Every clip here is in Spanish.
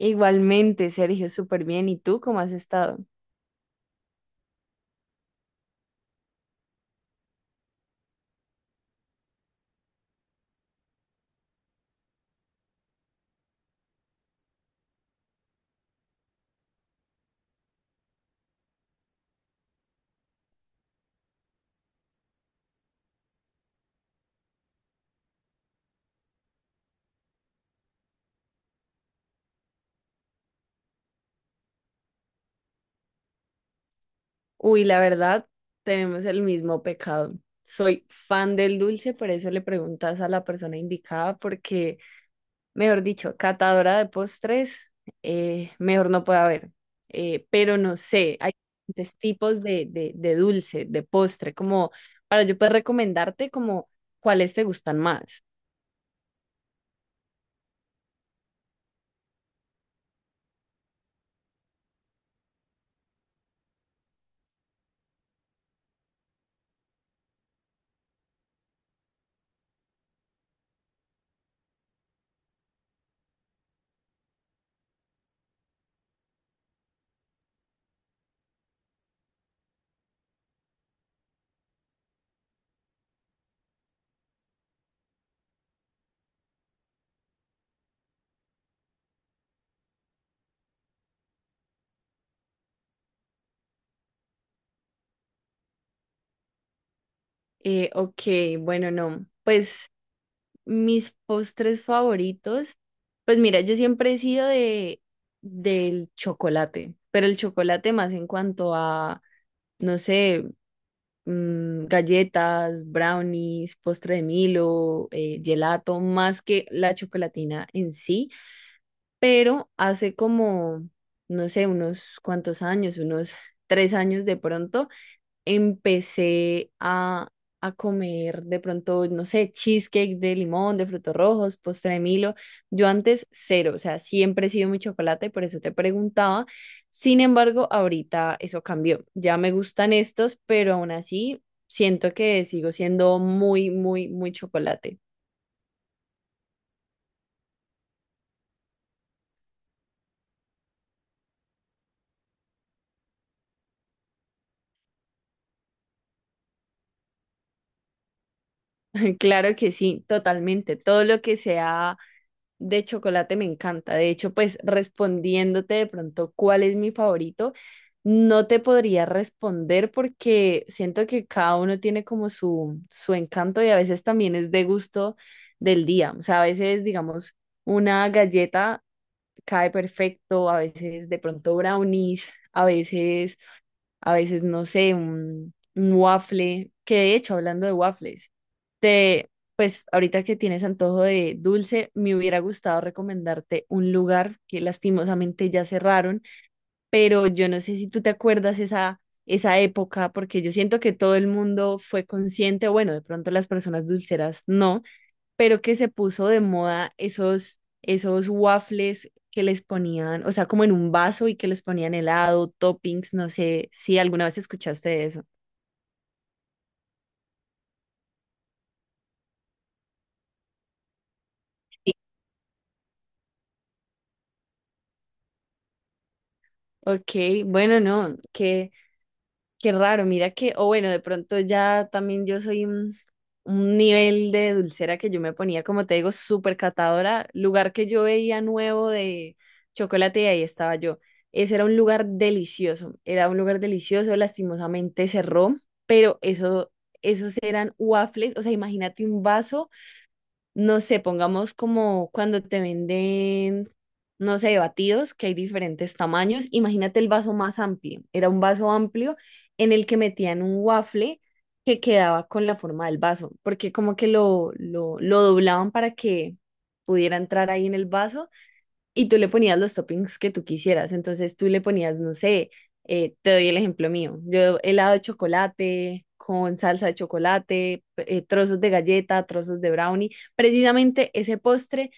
Igualmente, Sergio, súper bien. ¿Y tú cómo has estado? Uy, la verdad, tenemos el mismo pecado. Soy fan del dulce, por eso le preguntas a la persona indicada, porque, mejor dicho, catadora de postres, mejor no puede haber. Pero no sé, hay diferentes tipos de dulce, de postre, como para yo poder recomendarte como cuáles te gustan más. Ok, bueno, no, pues. Mis postres favoritos, pues mira, yo siempre he sido de del chocolate, pero el chocolate más en cuanto a, no sé, galletas, brownies, postre de Milo, gelato, más que la chocolatina en sí, pero hace como, no sé, unos cuantos años, unos tres años de pronto empecé a comer de pronto, no sé, cheesecake de limón, de frutos rojos, postre de Milo. Yo antes cero, o sea, siempre he sido muy chocolate, por eso te preguntaba. Sin embargo, ahorita eso cambió. Ya me gustan estos, pero aún así siento que sigo siendo muy, muy, muy chocolate. Claro que sí, totalmente. Todo lo que sea de chocolate me encanta. De hecho, pues respondiéndote de pronto cuál es mi favorito, no te podría responder porque siento que cada uno tiene como su encanto y a veces también es de gusto del día. O sea, a veces, digamos, una galleta cae perfecto, a veces de pronto brownies, a veces, no sé, un waffle, que de hecho, hablando de waffles, te, pues ahorita que tienes antojo de dulce, me hubiera gustado recomendarte un lugar que lastimosamente ya cerraron, pero yo no sé si tú te acuerdas esa época, porque yo siento que todo el mundo fue consciente, bueno, de pronto las personas dulceras no, pero que se puso de moda esos waffles que les ponían, o sea, como en un vaso y que les ponían helado, toppings, no sé si alguna vez escuchaste de eso. Sí. Ok, bueno, no, que qué raro, mira que, o bueno, de pronto ya también yo soy un nivel de dulcera que yo me ponía, como te digo, súper catadora. Lugar que yo veía nuevo de chocolate y ahí estaba yo. Ese era un lugar delicioso, era un lugar delicioso, lastimosamente cerró, pero eso, esos eran waffles, o sea, imagínate un vaso, no sé, pongamos como cuando te venden, no sé, batidos, que hay diferentes tamaños. Imagínate el vaso más amplio. Era un vaso amplio en el que metían un waffle que quedaba con la forma del vaso, porque como que lo doblaban para que pudiera entrar ahí en el vaso y tú le ponías los toppings que tú quisieras. Entonces tú le ponías, no sé, te doy el ejemplo mío. Yo helado de chocolate con salsa de chocolate, trozos de galleta, trozos de brownie. Precisamente ese postre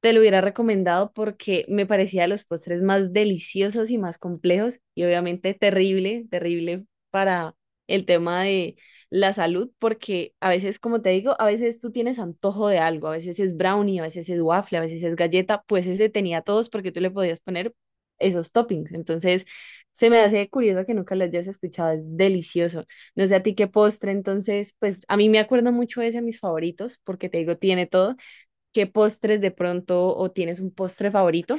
te lo hubiera recomendado porque me parecía de los postres más deliciosos y más complejos y obviamente terrible, terrible para el tema de la salud porque a veces, como te digo, a veces tú tienes antojo de algo, a veces es brownie, a veces es waffle, a veces es galleta, pues ese tenía todos porque tú le podías poner esos toppings. Entonces, se me hace curioso que nunca lo hayas escuchado, es delicioso. No sé a ti qué postre, entonces, pues a mí me acuerdo mucho ese a mis favoritos porque te digo, tiene todo. ¿Qué postres de pronto o tienes un postre favorito,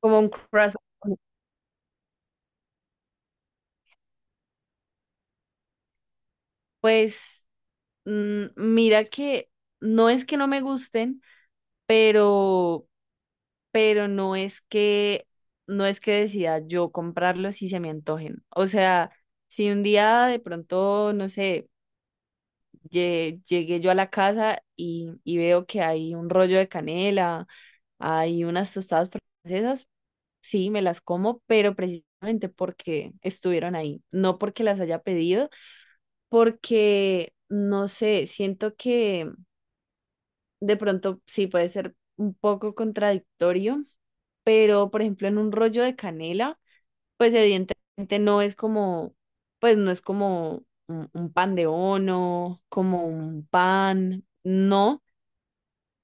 como un croissant? Pues mira que no es que no me gusten, pero, pero no es que no es que decida yo comprarlos si se me antojen. O sea, si un día de pronto, no sé, llegué yo a la casa y veo que hay un rollo de canela, hay unas tostadas francesas, sí, me las como, pero precisamente porque estuvieron ahí, no porque las haya pedido, porque no sé, siento que de pronto sí puede ser un poco contradictorio, pero por ejemplo en un rollo de canela, pues evidentemente no es como, pues no es como un pan de ono, como un pan, no,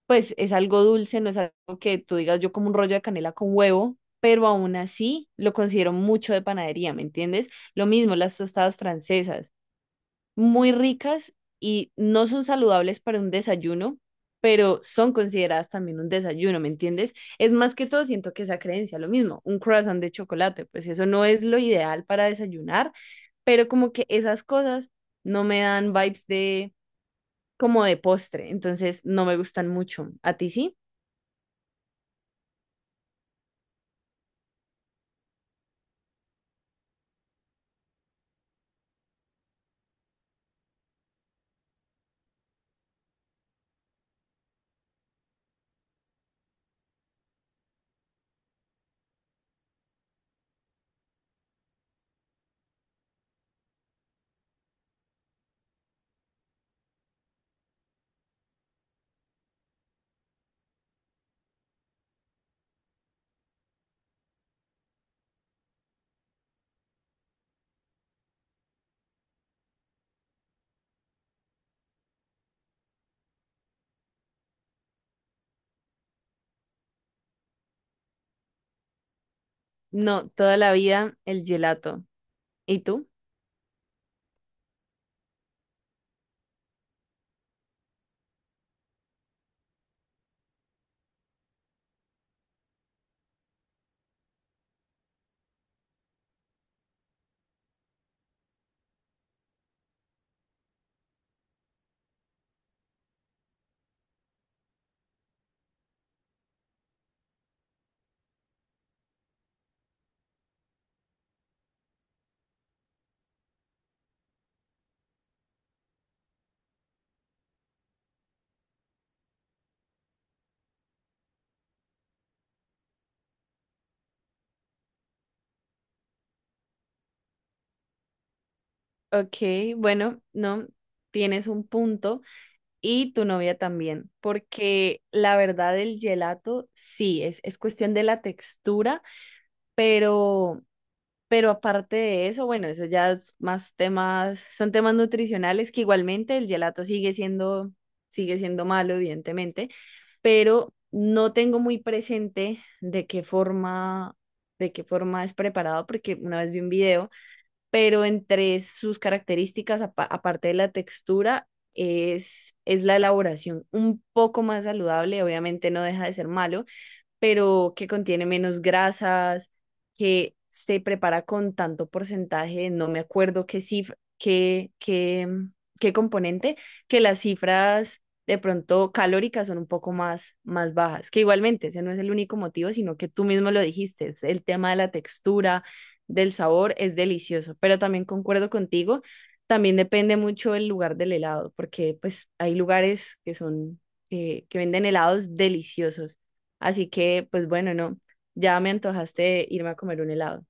pues es algo dulce, no es algo que tú digas yo como un rollo de canela con huevo, pero aún así lo considero mucho de panadería, ¿me entiendes? Lo mismo las tostadas francesas, muy ricas y no son saludables para un desayuno, pero son consideradas también un desayuno, ¿me entiendes? Es más que todo, siento que esa creencia, lo mismo, un croissant de chocolate, pues eso no es lo ideal para desayunar, pero como que esas cosas no me dan vibes de como de postre, entonces no me gustan mucho. ¿A ti sí? No, toda la vida el gelato. ¿Y tú? Ok, bueno, no, tienes un punto. Y tu novia también, porque la verdad el gelato sí, es cuestión de la textura, pero, pero aparte de eso, bueno, eso ya es más temas, son temas nutricionales que igualmente el gelato sigue siendo malo, evidentemente, pero no tengo muy presente de qué forma es preparado, porque una vez vi un video pero entre sus características, aparte de la textura, es la elaboración un poco más saludable, obviamente no deja de ser malo, pero que contiene menos grasas, que se prepara con tanto porcentaje, no me acuerdo qué cifra, qué componente, que las cifras de pronto calóricas son un poco más, más bajas, que igualmente ese no es el único motivo, sino que tú mismo lo dijiste, es el tema de la textura, del sabor, es delicioso, pero también concuerdo contigo. También depende mucho el lugar del helado, porque pues hay lugares que son, que venden helados deliciosos. Así que, pues bueno, no, ya me antojaste de irme a comer un helado.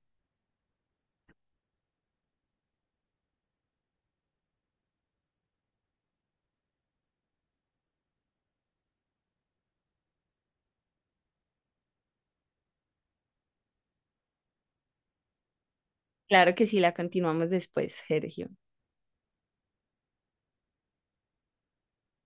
Claro que sí, la continuamos después, Sergio.